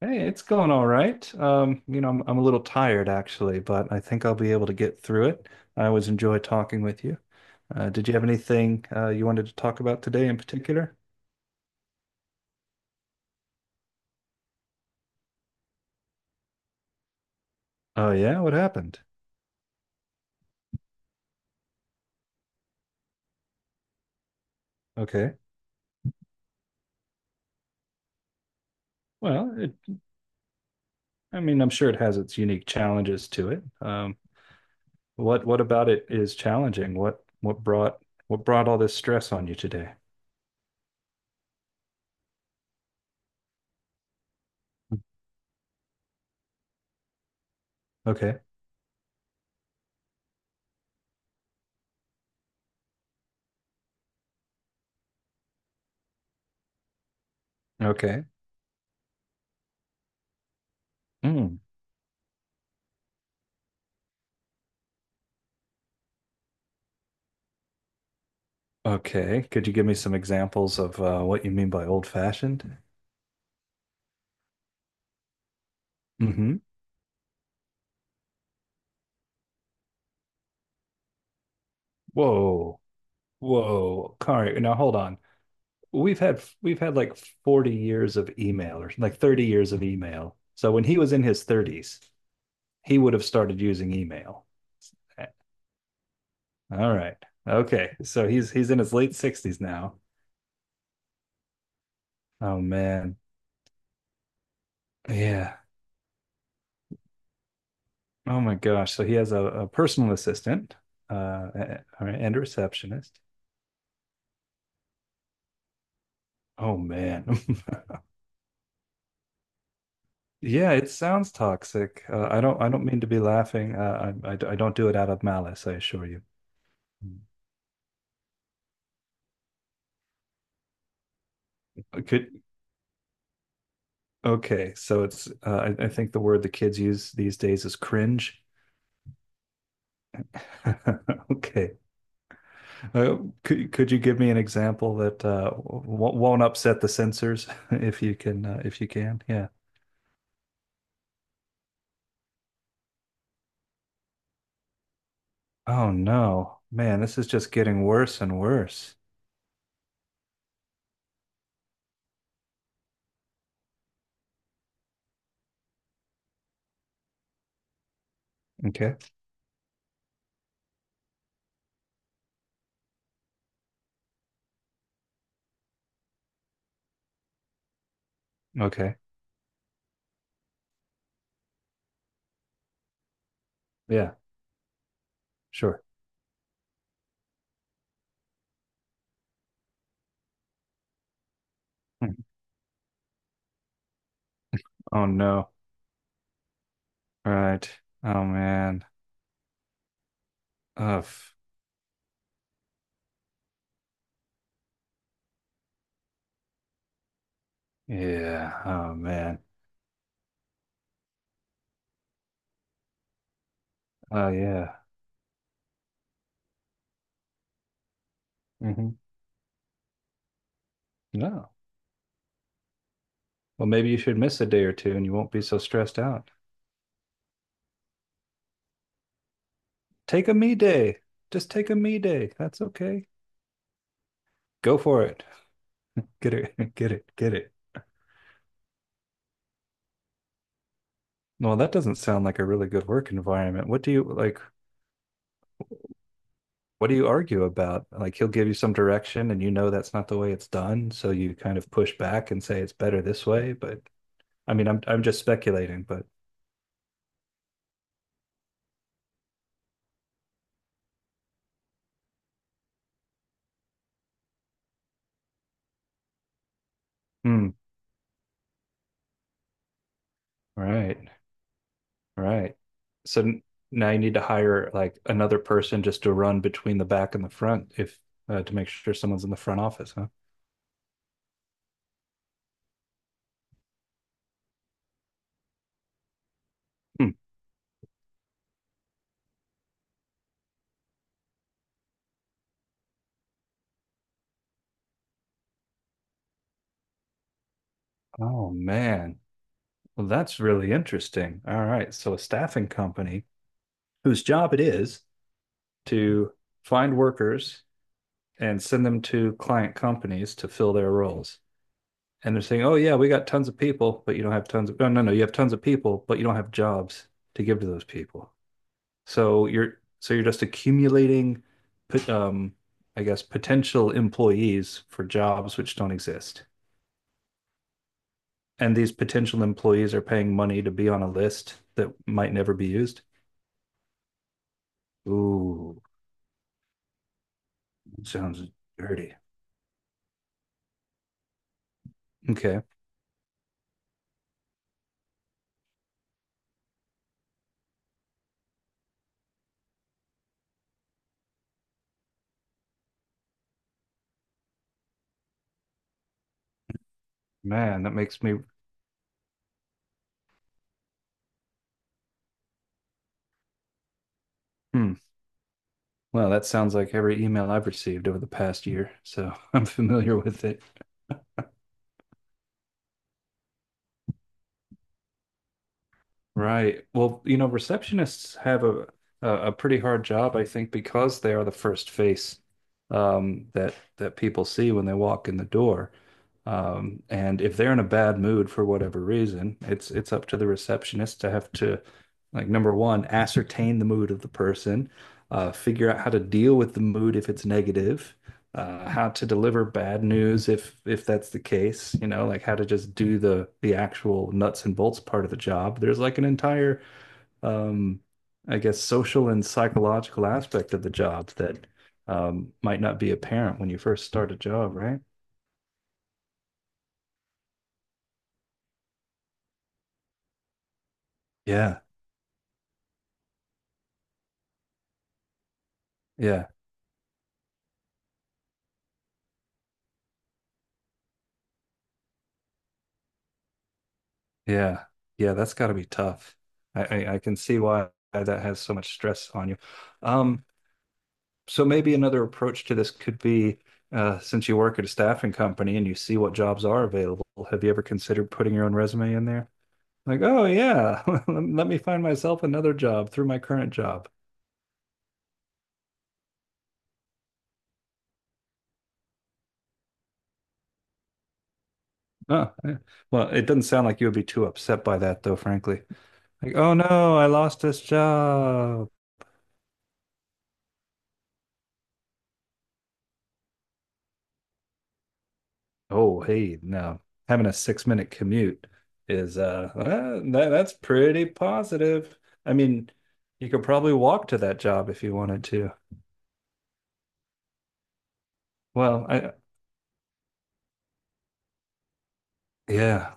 Hey, it's going all right. I'm a little tired actually, but I think I'll be able to get through it. I always enjoy talking with you. Did you have anything you wanted to talk about today in particular? Oh yeah, what happened? Okay. Well, it, I mean, I'm sure it has its unique challenges to it. What about it is challenging? What brought all this stress on you today? Okay. Okay. Mm. Okay. Could you give me some examples of what you mean by old fashioned? Mm-hmm. Whoa. Whoa. All right. Now hold on. We've had like 40 years of email or like 30 years of email. So when he was in his 30s, he would have started using email. All right. Okay. So he's in his late 60s now. Oh man. Yeah. Oh my gosh. So he has a personal assistant uh all right, and a receptionist. Oh man. Yeah, it sounds toxic. I don't mean to be laughing. I don't do it out of malice, I assure you. Could okay, so it's I think the word the kids use these days is cringe. Okay. Uh, could you give me an example that won't upset the censors if you can if you can? Yeah. Oh no, man, this is just getting worse and worse. Okay. Okay. Yeah, sure. Hmm. Oh no. All right. Oh man. Ugh. Yeah. Oh man. Oh yeah. Hmm. No. Well, maybe you should miss a day or two and you won't be so stressed out. Take a me day. Just take a me day. That's okay. Go for it. Get it. Get it. Get it. Well, that doesn't sound like a really good work environment. What do you like? What do you argue about? Like he'll give you some direction and you know that's not the way it's done, so you kind of push back and say it's better this way, but I mean, I'm just speculating, but hmm, right. All right. So now you need to hire like another person just to run between the back and the front if to make sure someone's in the front office, huh? Hmm. Oh man. Well, that's really interesting. All right. So, a staffing company whose job it is to find workers and send them to client companies to fill their roles. And they're saying, oh, yeah, we got tons of people, but you don't have tons of, no, no, no, you have tons of people, but you don't have jobs to give to those people. So you're just accumulating, um, I guess, potential employees for jobs which don't exist. And these potential employees are paying money to be on a list that might never be used. Ooh, sounds dirty. Okay. Man, that makes me. Hmm. Well, that sounds like every email I've received over the past year. So I'm familiar with it. Right. Well, you know, receptionists have a pretty hard job, I think, because they are the first face that that people see when they walk in the door. And if they're in a bad mood for whatever reason, it's up to the receptionist to have to, like, number one, ascertain the mood of the person, figure out how to deal with the mood if it's negative, how to deliver bad news if that's the case, you know, like how to just do the actual nuts and bolts part of the job. There's like an entire, um, I guess, social and psychological aspect of the job that might not be apparent when you first start a job, right? Yeah, yeah, yeah, yeah. That's got to be tough. I can see why that has so much stress on you. Um, So maybe another approach to this could be, since you work at a staffing company and you see what jobs are available, have you ever considered putting your own resume in there? Like, oh yeah, let me find myself another job through my current job. Oh, yeah. Well, it doesn't sound like you would be too upset by that, though, frankly. Like, oh no, I lost this job. Oh, hey, no, having a six-minute commute is that's pretty positive. I mean, you could probably walk to that job if you wanted to. Well, I, yeah,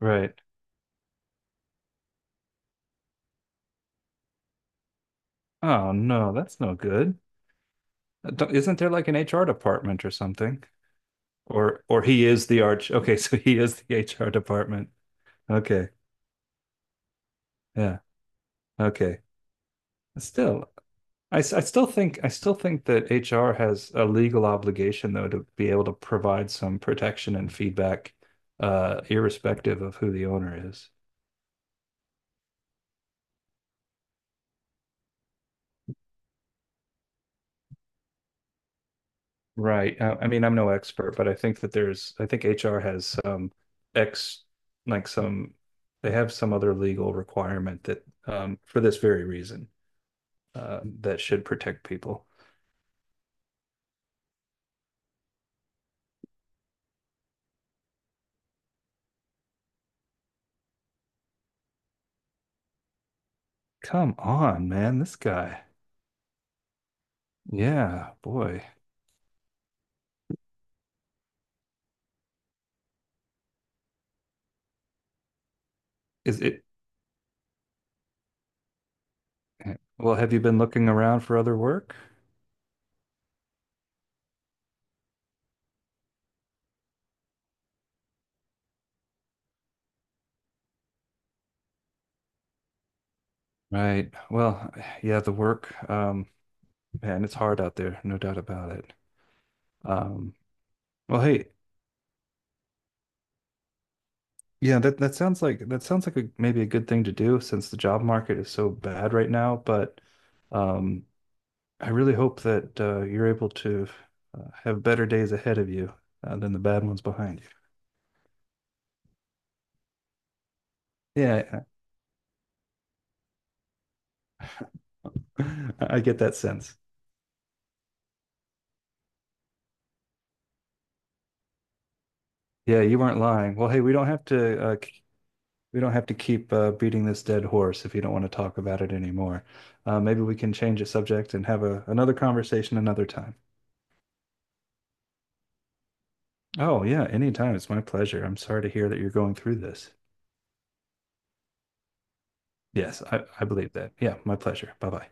right. Oh no, that's no good. Don't- Isn't there like an HR department or something? Or he is the arch. Okay, so he is the HR department. Okay. Yeah. Okay. Still, I still think that HR has a legal obligation though to be able to provide some protection and feedback, irrespective of who the owner is. Right. I mean, I'm no expert, but I think that I think HR has some ex, like some, they have some other legal requirement that, for this very reason, that should protect people. Come on, man, this guy. Yeah, boy. Is it, well, have you been looking around for other work? Right. Well, yeah, the work, man, it's hard out there, no doubt about it. Um, well, hey, yeah, that sounds like maybe a good thing to do since the job market is so bad right now. But um, I really hope that you're able to have better days ahead of you than the bad ones behind you. Yeah, I get that sense. Yeah, you weren't lying. Well, hey, we don't have to we don't have to keep beating this dead horse if you don't want to talk about it anymore. Maybe we can change the subject and have a another conversation another time. Oh yeah, anytime. It's my pleasure. I'm sorry to hear that you're going through this. Yes, I believe that. Yeah, my pleasure. Bye bye.